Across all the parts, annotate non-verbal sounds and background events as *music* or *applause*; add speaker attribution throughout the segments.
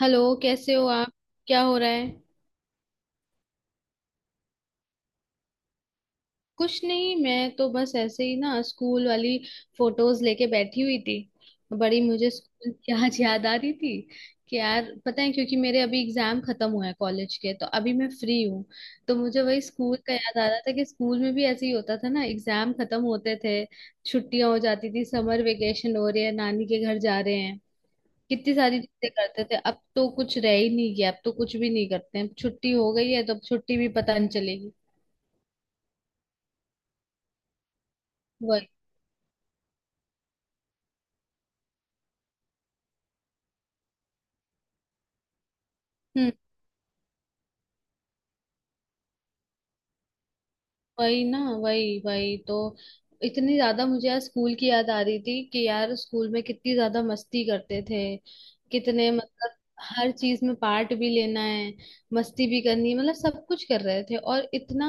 Speaker 1: Hello. कैसे हो आप? क्या हो रहा है? कुछ नहीं, मैं तो बस ऐसे ही ना स्कूल वाली फोटोज लेके बैठी हुई थी। बड़ी मुझे स्कूल की आज याद आ रही थी कि यार पता है, क्योंकि मेरे अभी एग्जाम खत्म हुए हैं कॉलेज के, तो अभी मैं फ्री हूँ। तो मुझे वही स्कूल का याद आ रहा था कि स्कूल में भी ऐसे ही होता था ना, एग्जाम खत्म होते थे, छुट्टियां हो जाती थी, समर वेकेशन हो रही है, नानी के घर जा रहे हैं। कितनी सारी चीजें करते थे, अब तो कुछ रह ही नहीं गया, अब तो कुछ भी नहीं करते हैं, छुट्टी हो गई है तो अब छुट्टी भी पता नहीं चलेगी। वही। वही ना, वही वही तो। इतनी ज्यादा मुझे यार स्कूल की याद आ रही थी कि यार स्कूल में कितनी ज्यादा मस्ती करते थे। कितने मतलब, हर चीज में पार्ट भी लेना है, मस्ती भी करनी है, मतलब सब कुछ कर रहे थे, और इतना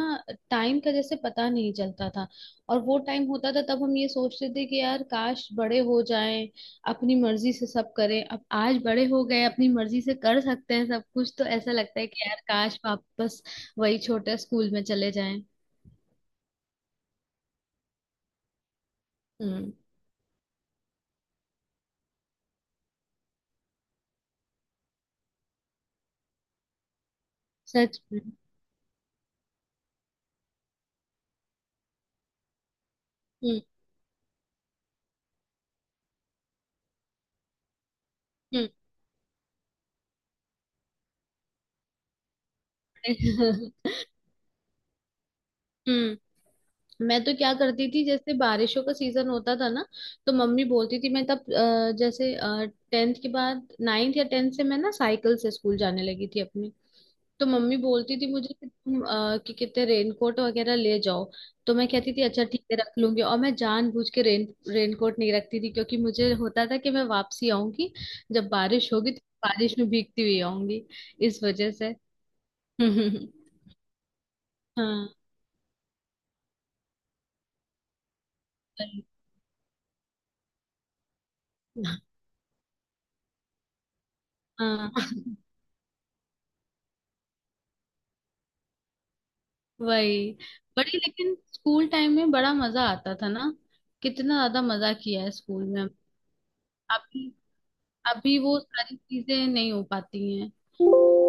Speaker 1: टाइम का जैसे पता नहीं चलता था। और वो टाइम होता था तब हम ये सोचते थे कि यार काश बड़े हो जाएं, अपनी मर्जी से सब करें। अब आज बड़े हो गए, अपनी मर्जी से कर सकते हैं सब कुछ, तो ऐसा लगता है कि यार काश वापस वही छोटे स्कूल में चले जाएं। हम्म। सच में। हम्म। हम्म। *laughs* हम्म। मैं तो क्या करती थी, जैसे बारिशों का सीजन होता था ना, तो मम्मी बोलती थी, मैं तब जैसे टेंथ के बाद नाइन्थ या टेंथ से मैं ना साइकिल से स्कूल जाने लगी थी अपनी। तो मम्मी बोलती थी मुझे कि तुम कि कितने रेनकोट वगैरह ले जाओ। तो मैं कहती थी अच्छा ठीक है रख लूंगी, और मैं जानबूझ के रेनकोट नहीं रखती थी, क्योंकि मुझे होता था कि मैं वापसी आऊंगी, जब बारिश होगी तो बारिश में भीगती हुई आऊंगी, इस वजह से। *laughs* हाँ। वही। हाँ। वही। बड़ी लेकिन स्कूल टाइम में बड़ा मजा आता था ना, कितना ज्यादा मजा किया है स्कूल में। अभी, अभी वो सारी चीजें नहीं हो पाती हैं।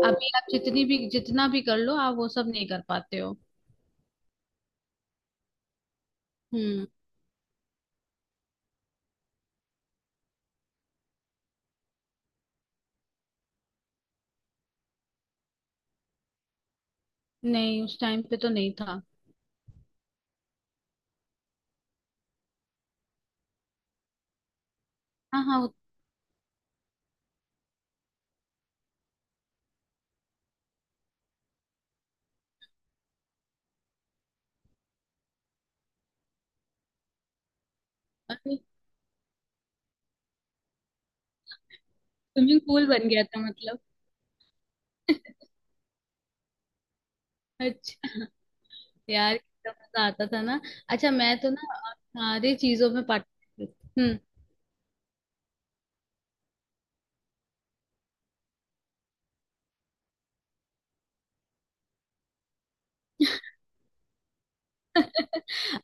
Speaker 1: अभी आप जितनी भी जितना भी कर लो, आप वो सब नहीं कर पाते हो। हम्म। नहीं, उस टाइम पे तो नहीं था। हाँ हाँ अरे, स्विमिंग पूल बन गया था मतलब। अच्छा। यार कितना मजा आता था ना। अच्छा मैं तो ना सारी चीजों में पार्टिसिपेट।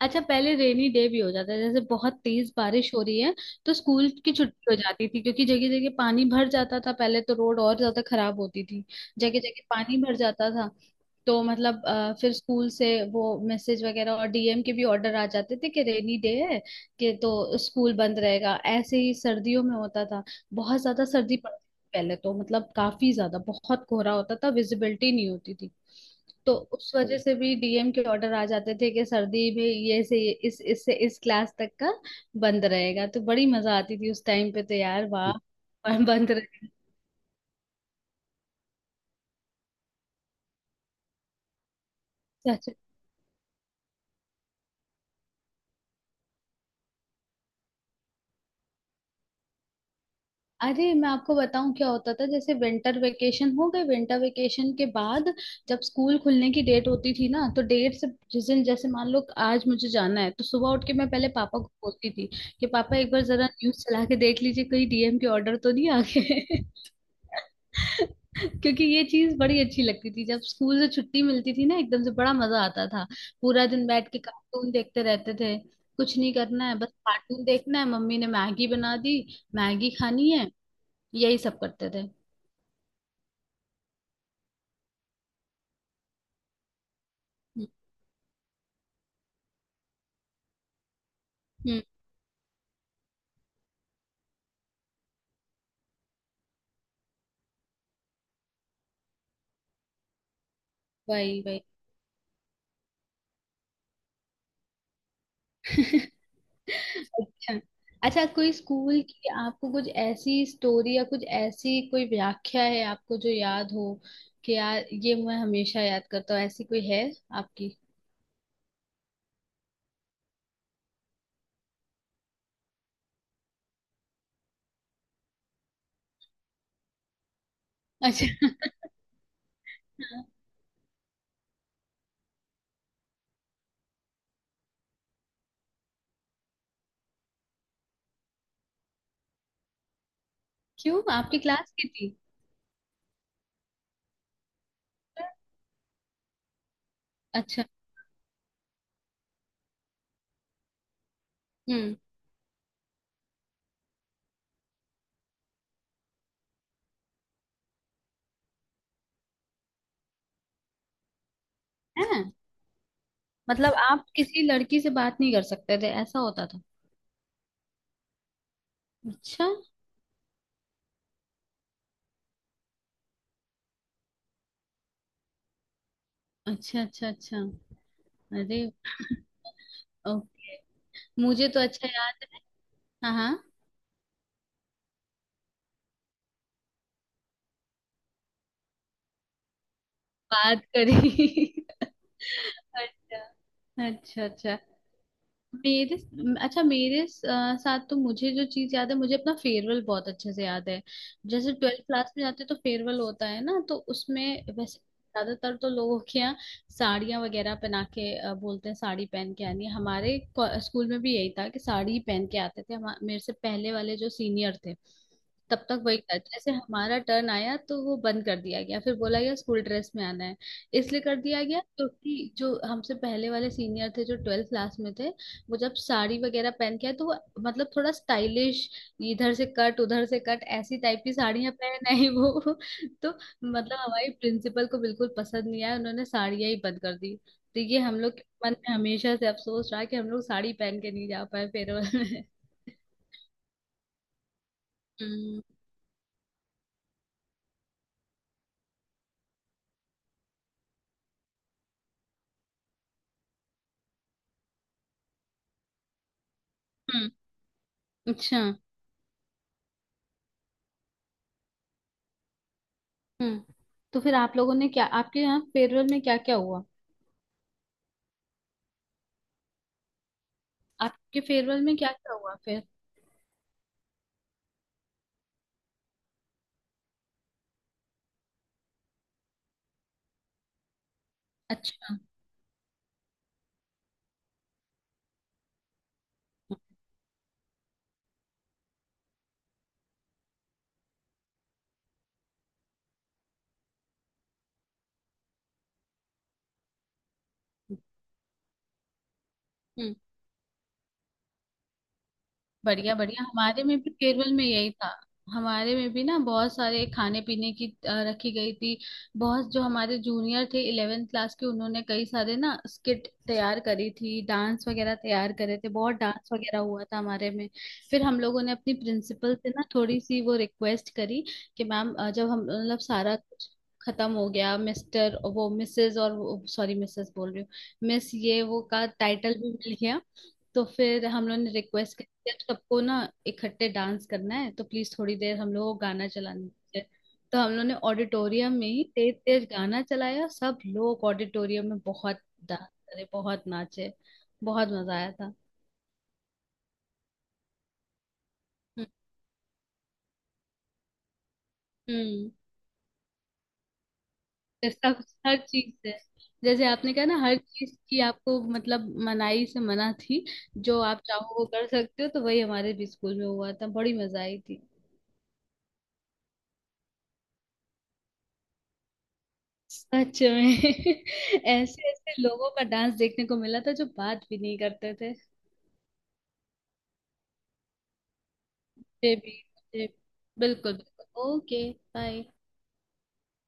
Speaker 1: अच्छा पहले रेनी डे भी हो जाता है, जैसे बहुत तेज बारिश हो रही है तो स्कूल की छुट्टी हो जाती थी, क्योंकि जगह जगह पानी भर जाता था, पहले तो रोड और ज्यादा खराब होती थी। जगह जगह पानी भर जाता था। तो मतलब फिर स्कूल से वो मैसेज वगैरह और डीएम के भी ऑर्डर आ जाते थे कि रेनी डे है, कि तो स्कूल बंद रहेगा। ऐसे ही सर्दियों में होता था, बहुत ज्यादा सर्दी पड़ती थी पहले तो, मतलब काफी ज्यादा, बहुत कोहरा होता था, विजिबिलिटी नहीं होती थी। तो उस वजह से भी डीएम के ऑर्डर आ जाते थे कि सर्दी में ये से ये- इस इससे इस क्लास तक का बंद रहेगा, तो बड़ी मजा आती थी उस टाइम पे तो। यार वाह। *laughs* और बंद रहेगा। अच्छा, अच्छा। अरे मैं आपको बताऊं क्या होता था, जैसे विंटर वेकेशन हो गए, विंटर वेकेशन के बाद जब स्कूल खुलने की डेट होती थी ना, तो डेट से जिस दिन, जैसे मान लो आज मुझे जाना है, तो सुबह उठ के मैं पहले पापा को बोलती थी कि पापा एक बार जरा न्यूज चला के देख लीजिए, कहीं डीएम के ऑर्डर तो नहीं आ गए। क्योंकि ये चीज बड़ी अच्छी लगती थी, जब स्कूल से छुट्टी मिलती थी ना, एकदम से बड़ा मजा आता था, पूरा दिन बैठ के कार्टून देखते रहते थे, कुछ नहीं करना है, बस कार्टून देखना है, मम्मी ने मैगी बना दी, मैगी खानी है, यही सब करते थे। हम्म। वही वही। *laughs* अच्छा। अच्छा कोई स्कूल की आपको कुछ ऐसी स्टोरी या कुछ ऐसी कोई व्याख्या है आपको जो याद हो कि यार ये मैं हमेशा याद करता हूँ, ऐसी कोई है आपकी? अच्छा। *laughs* क्यों, आपकी क्लास की थी? अच्छा। हम्म। है। मतलब आप किसी लड़की से बात नहीं कर सकते थे, ऐसा होता था? अच्छा अच्छा अच्छा। अच्छा। अरे। ओके। मुझे तो अच्छा याद है। हाँ हाँ। बात करी। *laughs* अच्छा अच्छा अच्छा। मेरे अच्छा, मेरे साथ तो मुझे जो चीज याद है, मुझे अपना फेयरवेल बहुत अच्छे से याद है। जैसे ट्वेल्थ क्लास में जाते हैं तो फेयरवेल होता है ना, तो उसमें वैसे ज्यादातर तो लोगों के यहाँ साड़ियाँ वगैरह पहना के बोलते हैं साड़ी पहन के आनी है। स्कूल में भी यही था कि साड़ी ही पहन के आते थे, मेरे से पहले वाले जो सीनियर थे तब तक वही था। जैसे हमारा टर्न आया तो वो बंद कर दिया गया, फिर बोला गया स्कूल ड्रेस में आना है। इसलिए कर दिया गया क्योंकि जो हमसे पहले वाले सीनियर थे जो ट्वेल्थ क्लास में थे, वो जब साड़ी वगैरह पहन के आए तो वो मतलब थोड़ा स्टाइलिश, इधर से कट उधर से कट, ऐसी टाइप की साड़ियां पहन आई वो। *laughs* तो मतलब हमारी प्रिंसिपल को बिल्कुल पसंद नहीं आया, उन्होंने साड़ियां ही बंद कर दी। तो ये हम लोग के मन में हमेशा से अफसोस रहा कि हम लोग साड़ी पहन के नहीं जा पाए फेयरवेल में। हम्म। हम्म, अच्छा। हम्म। तो फिर आप लोगों ने क्या, आपके यहाँ फेयरवेल में क्या क्या हुआ? आपके फेयरवेल में क्या क्या हुआ फिर? अच्छा। हम्म। बढ़िया बढ़िया, हमारे में भी केरल में यही था। हमारे में भी ना बहुत सारे खाने पीने की रखी गई थी। बहुत, जो हमारे जूनियर थे इलेवेंथ क्लास के, उन्होंने कई सारे ना स्किट तैयार करी थी, डांस वगैरह तैयार करे थे, बहुत डांस वगैरह हुआ था हमारे में। फिर हम लोगों ने अपनी प्रिंसिपल से ना थोड़ी सी वो रिक्वेस्ट करी कि मैम जब हम मतलब सारा कुछ खत्म हो गया, मिस्टर वो मिसेस, और सॉरी मिसेस बोल रही हूँ, मिस ये वो का टाइटल भी मिल गया। तो फिर हम लोगों ने रिक्वेस्ट कर दिया सबको ना, इकट्ठे डांस करना है, तो प्लीज थोड़ी देर हम लोग को गाना चलाने दीजिए। तो हम लोगों ने ऑडिटोरियम में ही तेज तेज गाना चलाया, सब लोग ऑडिटोरियम में बहुत डांस करे, बहुत नाचे, बहुत मजा आया था। हम्म। हम्म, ये सब हर चीज से, जैसे आपने कहा ना हर चीज की आपको मतलब मनाही से मना थी, जो आप चाहो वो कर सकते हो, तो वही हमारे भी स्कूल में हुआ था, बड़ी मजा आई थी। सच में। *laughs* ऐसे ऐसे लोगों का डांस देखने को मिला था जो बात भी नहीं करते थे। ये भी। मुझे। बिल्कुल बिल्कुल, ओके बाय।